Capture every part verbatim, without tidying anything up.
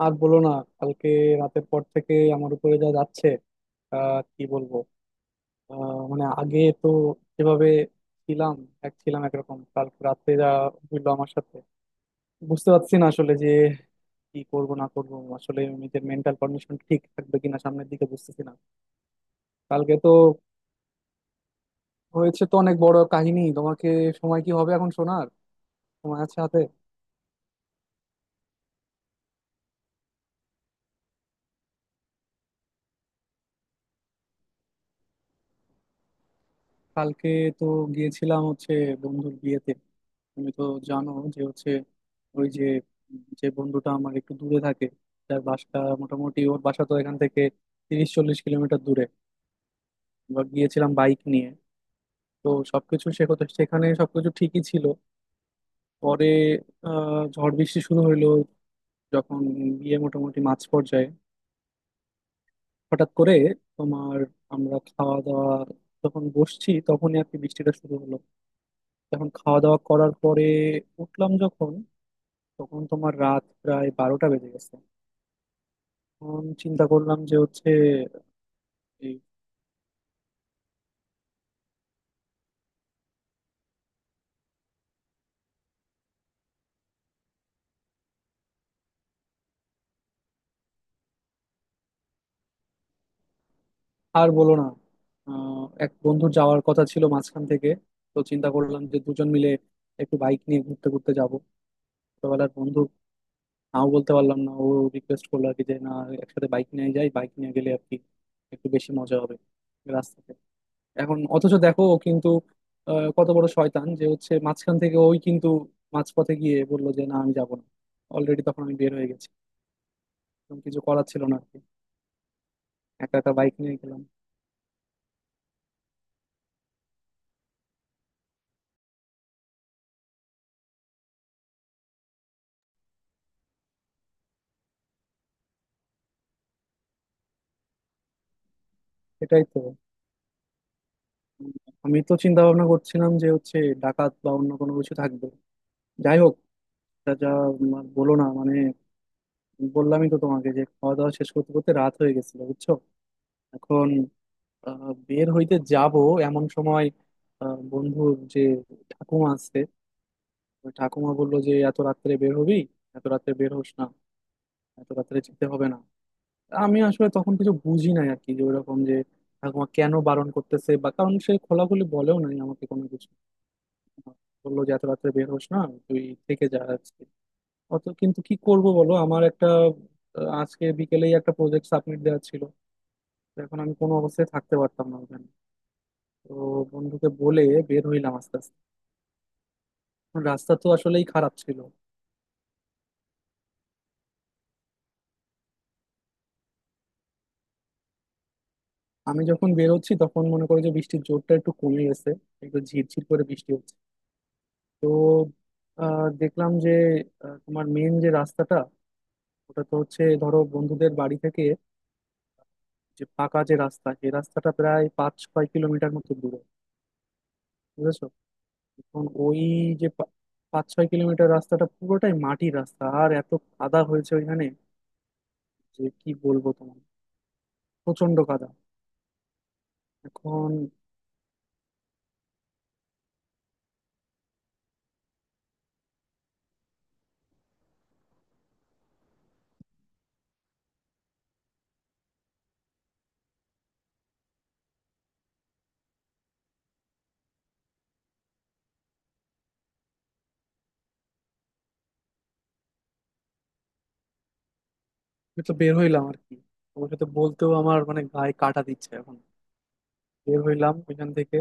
আর বলো না। কালকে রাতের পর থেকে আমার উপরে যা যাচ্ছে, আহ কি বলবো? আহ মানে আগে তো যেভাবে ছিলাম, এক ছিলাম একরকম, কালকে রাতে যা হইলো আমার সাথে, বুঝতে পারছি না আসলে যে কি করব না করব। আসলে নিজের মেন্টাল কন্ডিশন ঠিক থাকবে কিনা সামনের দিকে বুঝতেছি না। কালকে তো হয়েছে তো অনেক বড় কাহিনী, তোমাকে সময় কি হবে এখন শোনার? সময় আছে হাতে? কালকে তো গিয়েছিলাম হচ্ছে বন্ধুর বিয়েতে। তুমি তো জানো যে হচ্ছে ওই যে, উম যে বন্ধুটা আমার একটু দূরে থাকে, তার বাসা মোটামুটি, ওর বাসা তো এখান থেকে তিরিশ চল্লিশ কিলোমিটার দূরে। এবার গিয়েছিলাম বাইক নিয়ে। তো সবকিছু সেখানে, সেখানে সবকিছু ঠিকই ছিল। পরে আহ ঝড় বৃষ্টি শুরু হইলো যখন বিয়ে মোটামুটি মাঝ পর্যায়ে। হঠাৎ করে তোমার আমরা খাওয়া দাওয়া যখন বসছি তখনই আর কি বৃষ্টিটা শুরু হলো। যখন খাওয়া দাওয়া করার পরে উঠলাম, যখন তখন তোমার রাত প্রায় বারোটা বেজে গেছে। তখন চিন্তা করলাম যে হচ্ছে এই আর বলো না। আহ, এক বন্ধুর যাওয়ার কথা ছিল মাঝখান থেকে। তো চিন্তা করলাম যে দুজন মিলে একটু বাইক নিয়ে ঘুরতে ঘুরতে যাব। ছোটবেলার বন্ধু, নাও বলতে পারলাম না। ও রিকোয়েস্ট করলো আর কি যে না একসাথে বাইক নিয়ে যাই, বাইক নিয়ে গেলে আর কি একটু বেশি মজা হবে রাস্তাতে। এখন অথচ দেখো ও কিন্তু, আহ, কত বড় শয়তান যে হচ্ছে, মাঝখান থেকে ওই কিন্তু মাঝপথে গিয়ে বললো যে না আমি যাবো না। অলরেডি তখন আমি বের হয়ে গেছি। তখন কিছু করার ছিল না আর কি, একা একা বাইক নিয়ে গেলাম। সেটাই তো। উম, আমি তো চিন্তা ভাবনা করছিলাম যে হচ্ছে ডাকাত বা অন্য কোনো কিছু থাকবে। যাই হোক, তা যা উম, আর বলো না মানে বললামই তো তোমাকে যে খাওয়া দাওয়া শেষ করতে করতে রাত হয়ে গেছিল, বুঝছো? এখন আহ, বের হইতে যাব এমন সময়, আহ, বন্ধুর যে ঠাকুমা আছে, ওই ঠাকুমা বললো যে এত রাত্রে বের হবি, এত রাত্রে বের হোস না, এত রাত্রে যেতে হবে না। আমি আসলে তখন কিছু বুঝি নাই আর কি যে ওইরকম যে ঠাকুমা কেন বারণ করতেছে, বা কারণ সে খোলাখুলি বলেও নাই আমাকে কোনো কিছু, বললো যে এত রাত্রে বের হোস না তুই, থেকে যা আজকে অত। কিন্তু কি করব বলো, আমার একটা আহ, আজকে বিকেলেই একটা প্রজেক্ট সাবমিট দেওয়া ছিল। তো এখন আমি কোনো অবস্থায় থাকতে পারতাম না ওখানে। তো বন্ধুকে বলে বের হইলাম আস্তে আস্তে। রাস্তা তো আসলেই খারাপ ছিল। আমি যখন বেরোচ্ছি তখন মনে করো যে বৃষ্টির জোরটা একটু কমে গেছে, একটু ঝিরঝির করে বৃষ্টি হচ্ছে। তো আহ, দেখলাম যে আহ, তোমার মেন যে রাস্তাটা, ওটা তো হচ্ছে ধরো বন্ধুদের বাড়ি থেকে যে পাকা যে রাস্তা, সেই রাস্তাটা প্রায় পাঁচ ছয় কিলোমিটার মতো দূরে, বুঝেছো? এখন ওই যে পা- পাঁচ ছয় কিলোমিটার রাস্তাটা পুরোটাই মাটির রাস্তা। আর এত কাদা হয়েছে ওইখানে যে কি বলবো তোমার, প্রচন্ড কাদা। এখন আমি তো বের হইলাম আর কি, তোমার সাথে বলতেও আমার মানে গায়ে কাটা দিচ্ছে এখন। বের হইলাম ওইখান থেকে,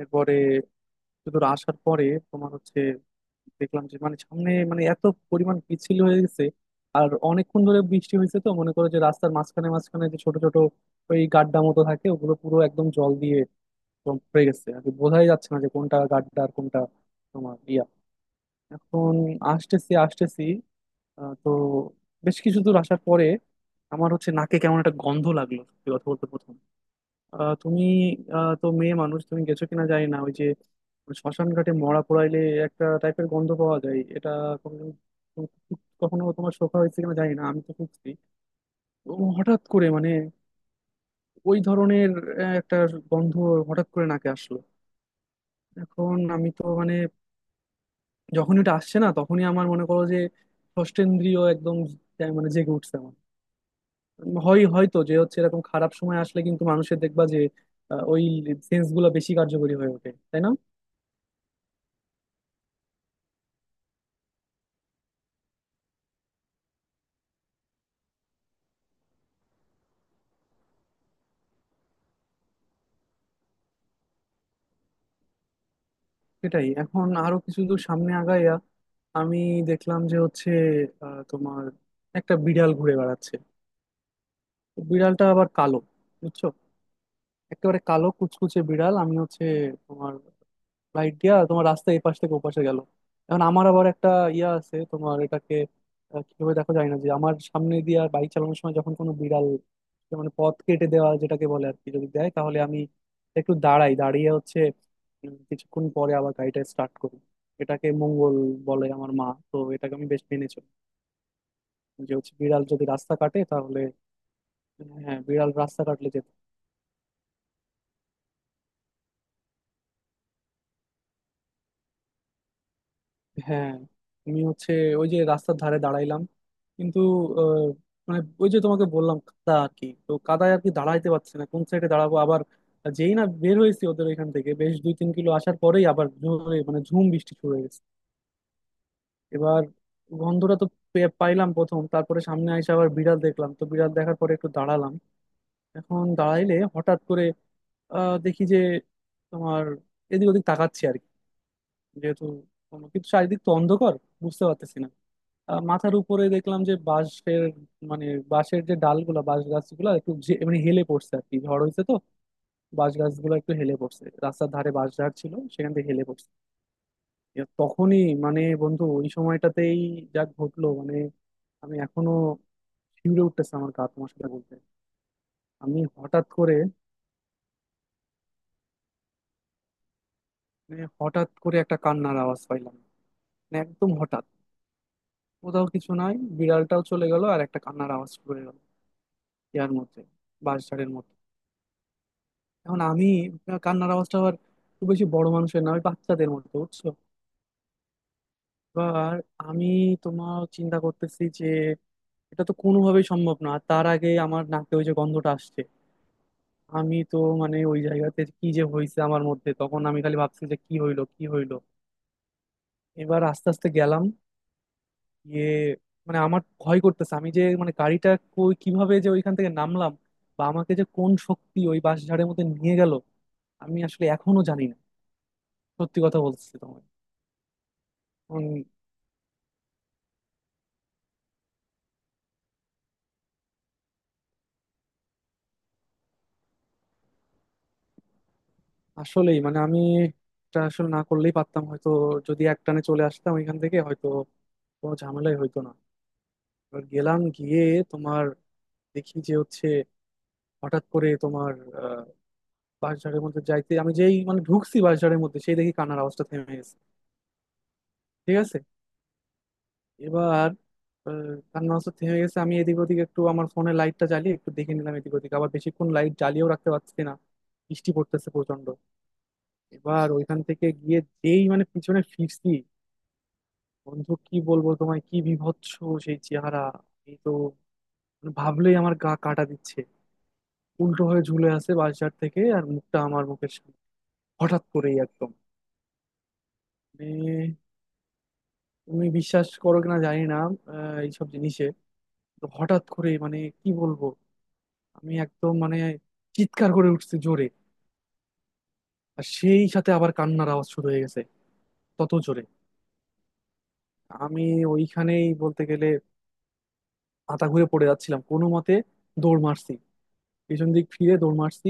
এরপরে সুদূর আসার পরে, তোমার হচ্ছে দেখলাম যে মানে সামনে মানে এত পরিমাণ পিচ্ছিল হয়ে গেছে। আর অনেকক্ষণ ধরে বৃষ্টি হয়েছে তো মনে করো যে রাস্তার মাঝখানে মাঝখানে যে ছোট ছোট ওই গাড্ডা মতো থাকে, ওগুলো পুরো একদম জল দিয়ে একদম ভরে গেছে আর কি, বোঝাই যাচ্ছে না যে কোনটা গাড্ডা আর কোনটা তোমার ইয়া। এখন আসতেছি আসতেছি, আহ, তো বেশ কিছু দূর আসার পরে আমার হচ্ছে নাকে কেমন একটা গন্ধ লাগলো, সত্যি কথা বলতে প্রথম। আহ, তুমি আহ, তো মেয়ে মানুষ, তুমি গেছো কিনা জানি না ওই যে শ্মশান ঘাটে মরা পোড়াইলে একটা টাইপের গন্ধ পাওয়া যায়, এটা কখনো কখনো তোমার শোকা হয়েছে কিনা জানি না। আমি তো খুঁজছি ও হঠাৎ করে মানে ওই ধরনের আহ, একটা গন্ধ হঠাৎ করে নাকে আসলো। এখন আমি তো মানে যখন এটা আসছে না তখনই আমার মনে করো যে ষষ্ঠেন্দ্রিয় একদম তাই মানে জেগে উঠছে আমার। উম, হয় হয়তো যে হচ্ছে এরকম খারাপ সময় আসলে কিন্তু মানুষের দেখবা যে আহ, ওই সেন্স গুলো বেশি কার্যকরী হয়ে ওঠে, তাই না? সেটাই। এখন আরো কিছু দূর সামনে আগাইয়া আমি দেখলাম যে হচ্ছে আহ, তোমার একটা বিড়াল ঘুরে বেড়াচ্ছে। তো বিড়ালটা আবার কালো, বুঝছো? একেবারে কালো কুচকুচে বিড়াল। আমি হচ্ছে তোমার লাইট দিয়া তোমার রাস্তা এই পাশ থেকে ওপাশে গেল। এখন আমার আবার একটা ইয়া আছে তোমার, এটাকে আহ, কিভাবে দেখো, যায় না যে আমার সামনে দিয়ে আর বাইক চালানোর সময় যখন কোনো বিড়াল যে মানে পথ কেটে দেওয়া যেটাকে বলে আর কি, যদি দেয় তাহলে আমি একটু দাঁড়াই, দাঁড়িয়ে হচ্ছে উম, কিছুক্ষণ পরে আবার গাড়িটা স্টার্ট করি। এটাকে মঙ্গল বলে আমার মা, তো এটাকে আমি বেশ মেনে চলি যে হচ্ছে বিড়াল যদি রাস্তা কাটে তাহলে। হ্যাঁ, বিড়াল রাস্তা কাটলে যেতে। হ্যাঁ, আমি হচ্ছে ওই যে রাস্তার ধারে দাঁড়াইলাম কিন্তু আহ, মানে ওই যে তোমাকে বললাম কাদা আর কি, তো কাদায় আর কি দাঁড়াইতে পারছি না, কোন সাইডে দাঁড়াবো? আবার যেই না বের হয়েছি ওদের ওইখান থেকে বেশ দুই তিন কিলো আসার পরেই আবার জোরে মানে ঝুম বৃষ্টি শুরু হয়ে গেছে। এবার গন্ধটা তো পে- পাইলাম প্রথম, তারপরে সামনে এসে আবার বিড়াল দেখলাম, তো বিড়াল দেখার পরে একটু দাঁড়ালাম। এখন দাঁড়াইলে হঠাৎ করে আহ দেখি যে তোমার এদিক ওদিক তাকাচ্ছি আর কি। যেহেতু কোনো- কিন্তু চারিদিক তো অন্ধকার, বুঝতে পারতেছি না। আহ, মাথার উপরে দেখলাম যে বাঁশের মানে বাঁশের যে ডালগুলা, বাঁশ গাছগুলা একটু ঝে- মানে হেলে পড়ছে আর কি, ঝড় হয়েছে তো বাঁশ গাছগুলো একটু হেলে পড়ছে। রাস্তার ধারে বাঁশ ঝাড় ছিল, সেখান থেকে হেলে পড়ছে। এ তখনই মানে বন্ধু ওই সময়টাতেই যা ঘটলো মানে, আমি এখনো শিউরে উঠতেছে আমার গা তোমার সাথে বলতে। আমি হঠাৎ করে মানে হঠাৎ করে একটা কান্নার আওয়াজ পাইলাম, মানে একদম হঠাৎ। কোথাও কিছু নাই, বিড়ালটাও চলে গেল আর একটা কান্নার আওয়াজ শুরু হয়ে গেল ইয়ার মধ্যে, বাঁশঝাড়ের মধ্যে। এখন আমি কান্নার আওয়াজটা আবার খুব বেশি বড় মানুষের না, ওই বাচ্চাদের মতো, বুঝছো? এবার আমি তোমার চিন্তা করতেছি যে এটা তো কোনোভাবেই সম্ভব না, আর তার আগে আমার নাকে ওই যে গন্ধটা আসছে। আমি তো মানে ওই জায়গাতে কি যে হয়েছে আমার মধ্যে তখন, আমি খালি ভাবছি যে কি হইলো কি হইলো। এবার আস্তে আস্তে গেলাম গিয়ে, মানে আমার ভয় করতেছে, আমি যে মানে গাড়িটা কই- কিভাবে যে ওইখান থেকে নামলাম বা আমাকে যে কোন শক্তি ওই বাঁশঝাড়ের মধ্যে নিয়ে গেল আমি আসলে এখনো জানি না, সত্যি কথা বলতেছি তোমায়। উম, আসলেই মানে আমি এটা আসলে না করলেই পারতাম হয়তো, যদি একটানে চলে আসতাম এখান থেকে হয়তো কোনো ঝামেলাই হইতো না। এবার গেলাম গিয়ে তোমার দেখি যে হচ্ছে হঠাৎ করে তোমার আহ, বাঁশঝাড়ের মধ্যে যাইতে, আমি যেই মানে ঢুকছি বাঁশঝাড়ের মধ্যে সেই দেখি কান্নার আওয়াজটা থেমে গেছে। ঠিক আছে। এবার আহ, কান্নার আওয়াজটা থেমে গেছে। আমি এদিক ওদিক একটু আমার ফোনের লাইটটা জ্বালিয়ে একটু দেখে নিলাম এদিক ওদিক, আবার বেশিক্ষণ লাইট জ্বালিয়েও রাখতে পারছি না, বৃষ্টি পড়তেছে প্রচন্ড। এবার ওইখান থেকে গিয়ে যেই মানে পিছনে ফিরছি, বন্ধু কি বলবো তোমায় কি বীভৎস সেই চেহারা। এই তো মানে ভাবলেই আমার গা কাটা দিচ্ছে। উল্টো হয়ে ঝুলে আছে বাসঝাড় থেকে, আর মুখটা আমার মুখের সামনে, হঠাৎ করেই একদম। মানে তুমি বিশ্বাস করো কিনা জানি না আহ, এইসব জিনিসে, তো হঠাৎ করে মানে কি বলবো, আমি একদম মানে চিৎকার করে উঠছি জোরে। আর সেই সাথে আবার কান্নার আওয়াজ শুরু হয়ে গেছে তত জোরে। আমি ওইখানেই বলতে গেলে মাথা ঘুরে পড়ে যাচ্ছিলাম কোনো মতে, দৌড় মারছি, পিছন দিক ফিরে দৌড় মারছি,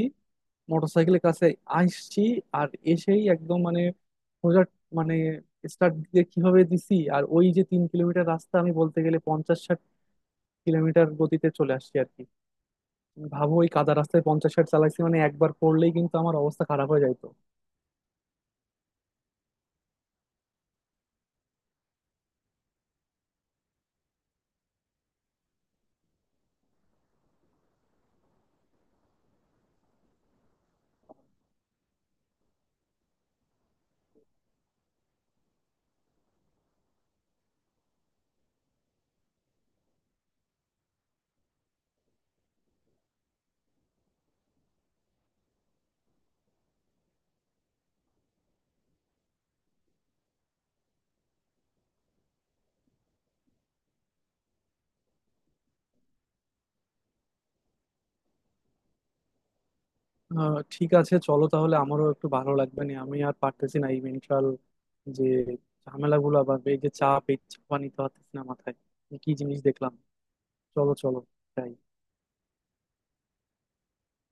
মোটরসাইকেলের কাছে আসছি। আর এসেই একদম মানে সোজা মানে স্টার্ট দিয়ে কিভাবে দিছি আর ওই যে তিন কিলোমিটার রাস্তা আমি বলতে গেলে পঞ্চাশ ষাট কিলোমিটার গতিতে চলে আসছি আর কি। তুমি ভাবো ওই কাদা রাস্তায় পঞ্চাশ ষাট চালাইছি, মানে একবার পড়লেই কিন্তু আমার অবস্থা খারাপ হয়ে যাইতো। আহ, ঠিক আছে, চলো তাহলে, আমারও একটু ভালো লাগবে। না, আমি আর পারতেছি না এই মেন্টাল যে ঝামেলাগুলো বা এই যে চাপ, এই চাপা নিতে পারতেছি না মাথায়, এ কি জিনিস দেখলাম। চলো চলো, যাই।